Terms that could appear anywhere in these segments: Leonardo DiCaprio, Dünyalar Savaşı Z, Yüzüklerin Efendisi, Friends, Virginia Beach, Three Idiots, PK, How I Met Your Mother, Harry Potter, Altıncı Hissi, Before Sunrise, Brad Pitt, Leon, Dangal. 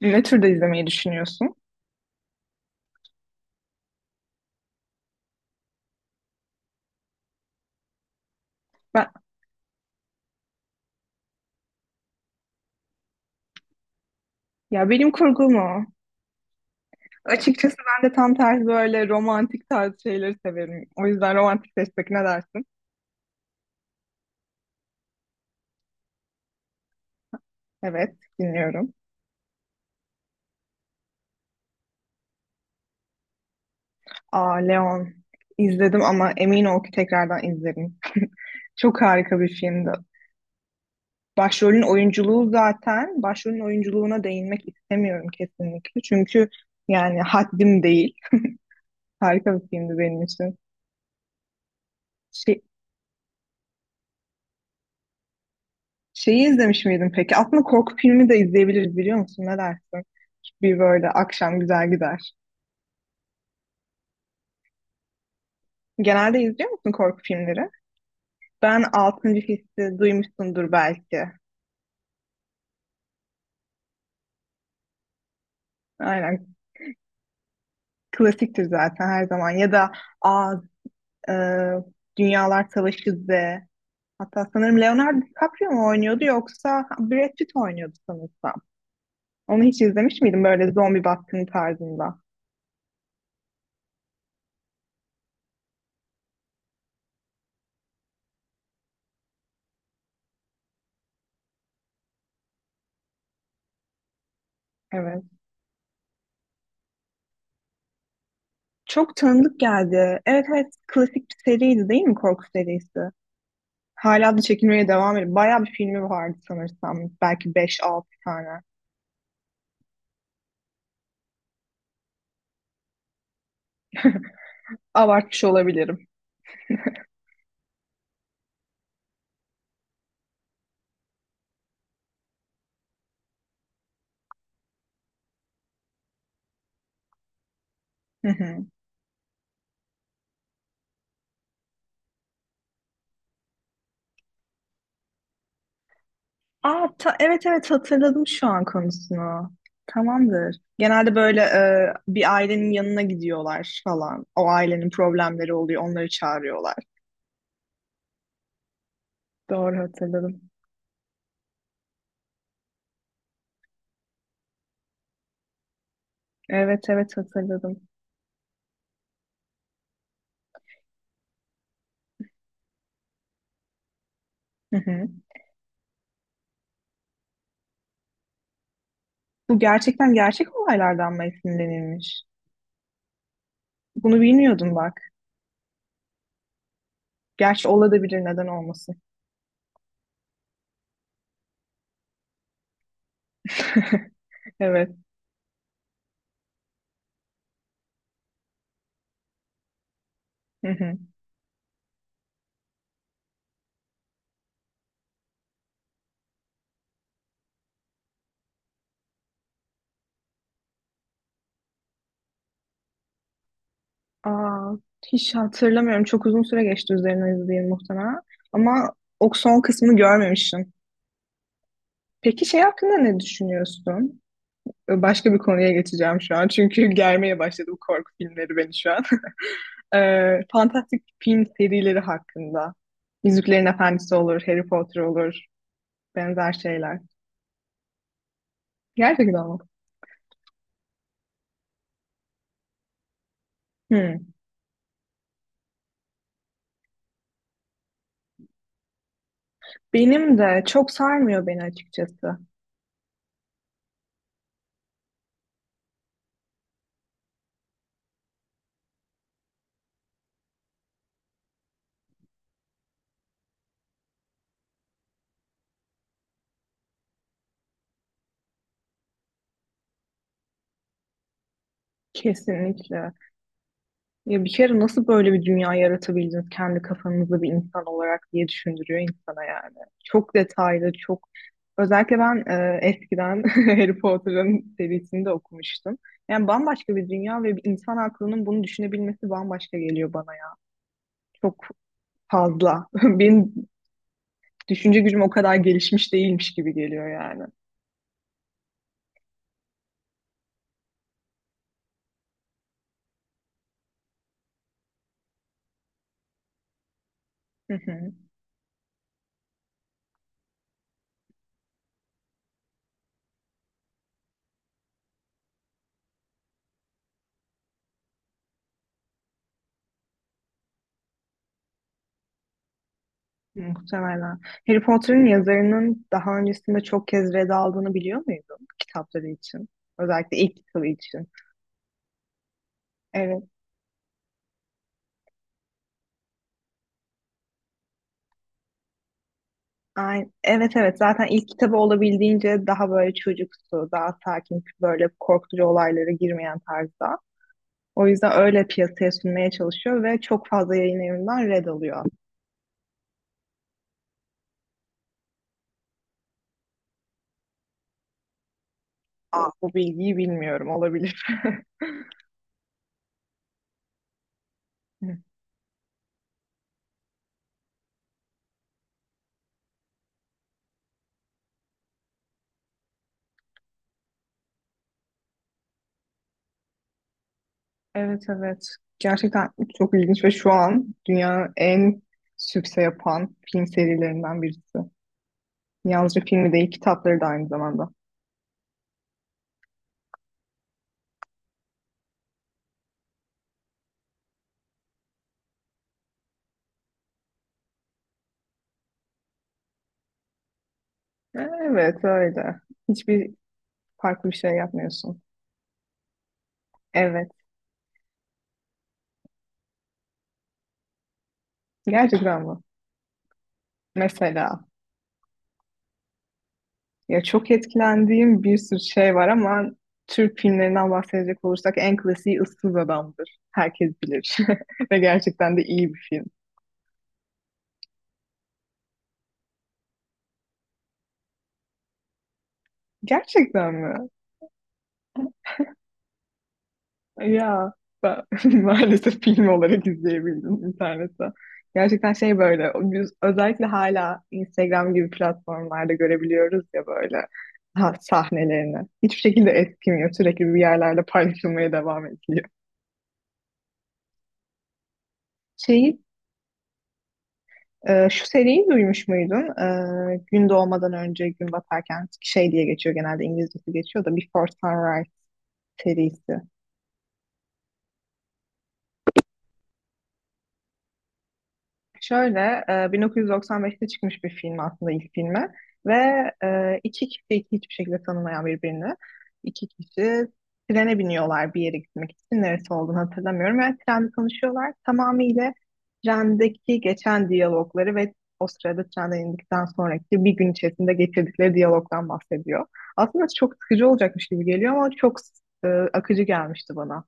Ne türde izlemeyi düşünüyorsun? Ben, ya benim kurgum o. Açıkçası ben de tam tersi böyle romantik tarz şeyleri severim. O yüzden romantik seçtik, ne dersin? Evet, dinliyorum. Aa, Leon izledim ama emin ol ki tekrardan izlerim. Çok harika bir filmdi. Başrolün oyunculuğuna değinmek istemiyorum kesinlikle. Çünkü yani haddim değil. Harika bir filmdi benim için. Şey, Şeyi izlemiş miydin peki? Aslında korku filmi de izleyebiliriz, biliyor musun? Ne dersin? Bir böyle akşam güzel gider. Genelde izliyor musun korku filmleri? Ben Altıncı Hissi duymuşsundur belki. Aynen. Klasiktir zaten her zaman. Ya da Aa, e, Dünyalar Savaşı Z. Hatta sanırım Leonardo DiCaprio mu oynuyordu yoksa Brad Pitt oynuyordu sanırsam. Onu hiç izlemiş miydin, böyle zombi baskını tarzında? Evet. Çok tanıdık geldi. Evet, evet, klasik bir seriydi değil mi, korku serisi? Hala da çekilmeye devam ediyor. Bayağı bir filmi vardı sanırsam. Belki beş altı tane. Abartmış olabilirim. Hı hı. Aa, evet, evet, hatırladım şu an konusunu. Tamamdır. Genelde böyle bir ailenin yanına gidiyorlar falan. O ailenin problemleri oluyor, onları çağırıyorlar. Doğru hatırladım. Evet, evet, hatırladım. Hı hı. Bu gerçekten gerçek olaylardan mı esinlenilmiş? Bunu bilmiyordum bak. Gerçi olabilir, neden olmasın. Evet. Hı hı. Aa, hiç hatırlamıyorum. Çok uzun süre geçti, üzerine izleyeyim muhtemelen. Ama o son kısmını görmemişim. Peki şey hakkında ne düşünüyorsun? Başka bir konuya geçeceğim şu an. Çünkü germeye başladı bu korku filmleri beni şu an. Fantastik film serileri hakkında. Yüzüklerin Efendisi olur, Harry Potter olur. Benzer şeyler. Gerçekten ama. Hı. Benim de çok sarmıyor beni açıkçası. Kesinlikle. Ya bir kere nasıl böyle bir dünya yaratabildiniz kendi kafanızda bir insan olarak diye düşündürüyor insana yani. Çok detaylı, çok özellikle ben eskiden Harry Potter'ın serisini de okumuştum. Yani bambaşka bir dünya ve bir insan aklının bunu düşünebilmesi bambaşka geliyor bana ya. Çok fazla. Benim düşünce gücüm o kadar gelişmiş değilmiş gibi geliyor yani. Hı hı, muhtemelen. Harry Potter'ın yazarının daha öncesinde çok kez red aldığını biliyor muydun kitapları için? Özellikle ilk kitabı için. Evet, ay, evet, evet, zaten ilk kitabı olabildiğince daha böyle çocuksu, daha sakin, böyle korkutucu olaylara girmeyen tarzda. O yüzden öyle piyasaya sunmaya çalışıyor ve çok fazla yayın evinden red alıyor. Aa, bu bilgiyi bilmiyorum, olabilir. Evet, evet. Gerçekten çok ilginç ve şu an dünyanın en sükse yapan film serilerinden birisi. Yalnızca filmi değil, kitapları da aynı zamanda. Evet, öyle. Hiçbir farklı bir şey yapmıyorsun. Evet. Gerçekten bu. Mesela, ya çok etkilendiğim bir sürü şey var ama Türk filmlerinden bahsedecek olursak en klasiği Issız Adam'dır. Herkes bilir. Ve gerçekten de iyi bir film. Gerçekten mi? Ya ben maalesef film olarak izleyebildim internette. Gerçekten şey böyle biz özellikle hala Instagram gibi platformlarda görebiliyoruz ya böyle, ha, sahnelerini. Hiçbir şekilde eskimiyor. Sürekli bir yerlerde paylaşılmaya devam ediliyor. Şeyi şu seriyi duymuş muydun? Gün doğmadan önce gün batarken şey diye geçiyor, genelde İngilizcesi geçiyor da Before Sunrise serisi. Şöyle, 1995'te çıkmış bir film aslında ilk filmi ve iki kişi hiçbir şekilde tanımayan birbirini. İki kişi trene biniyorlar bir yere gitmek için. Neresi olduğunu hatırlamıyorum ve trende tanışıyorlar. Tamamıyla trendeki geçen diyalogları ve o sırada trenden indikten sonraki bir gün içerisinde geçirdikleri diyalogdan bahsediyor. Aslında çok sıkıcı olacakmış gibi geliyor ama çok akıcı gelmişti bana.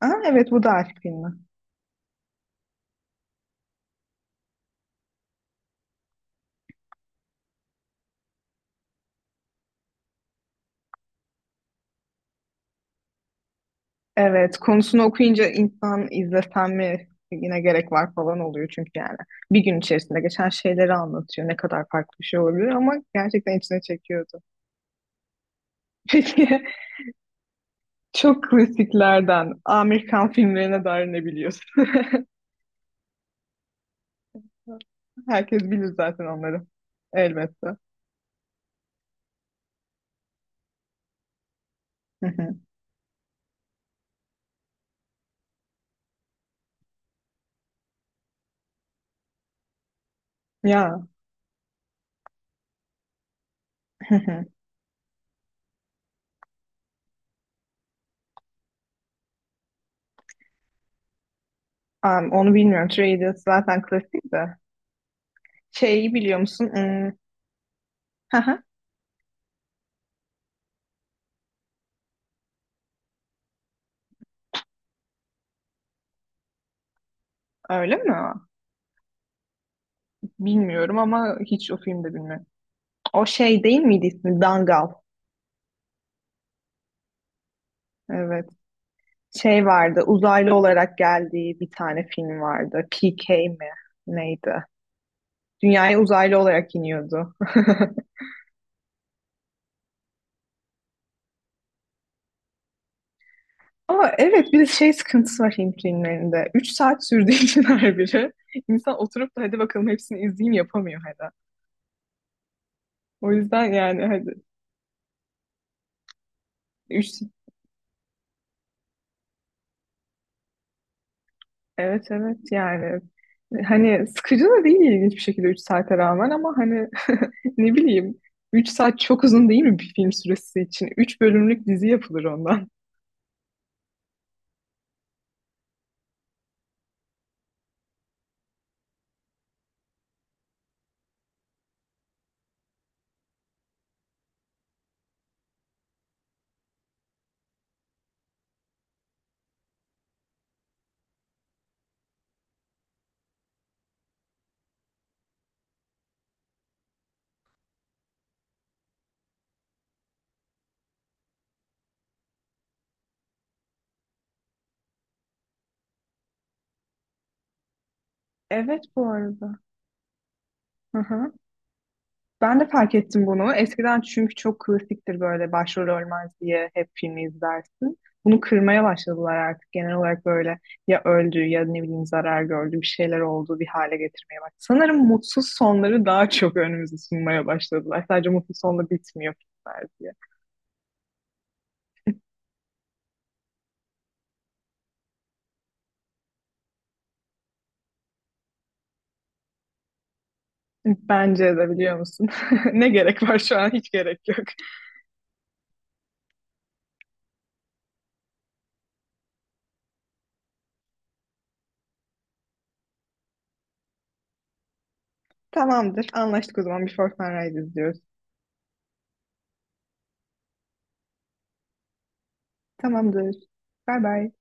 Aa, evet, bu da aşk filmi. Evet, konusunu okuyunca insan izlesem mi yine, gerek var falan oluyor çünkü yani. Bir gün içerisinde geçen şeyleri anlatıyor. Ne kadar farklı bir şey olabilir ama gerçekten içine çekiyordu. Peki çok klasiklerden Amerikan filmlerine dair ne biliyorsun? Herkes bilir zaten onları. Elbette. Hı hı. Ya, hı hı. Onu bilmiyorum. Three Idiots zaten klasik de. Şeyi biliyor musun? Hmm, hı hı. Öyle mi? Bilmiyorum ama hiç o filmde bilmiyorum. O şey değil miydi ismi? Dangal. Evet. Şey vardı. Uzaylı olarak geldiği bir tane film vardı. PK mi? Neydi? Dünyaya uzaylı olarak iniyordu. Ama evet, bir de şey sıkıntısı var Hint filmlerinde. 3 saat sürdüğü için her biri. İnsan oturup da hadi bakalım hepsini izleyeyim, yapamıyor hala. O yüzden yani hadi 3. Evet, evet, yani hani sıkıcı da değil ilginç bir şekilde 3 saate rağmen ama hani ne bileyim 3 saat çok uzun değil mi bir film süresi için? Üç bölümlük dizi yapılır ondan. Evet, bu arada. Aha. Ben de fark ettim bunu. Eskiden çünkü çok klasiktir, böyle başrol ölmez diye hep filmi izlersin. Bunu kırmaya başladılar artık. Genel olarak böyle ya öldü ya ne bileyim zarar gördü bir şeyler oldu, bir hale getirmeye bak. Sanırım mutsuz sonları daha çok önümüze sunmaya başladılar. Sadece mutsuz sonla bitmiyor filmler diye. Bence de, biliyor musun? Ne gerek var şu an? Hiç gerek yok. Tamamdır. Anlaştık o zaman. Before Sunrise izliyoruz. Tamamdır. Bay bay.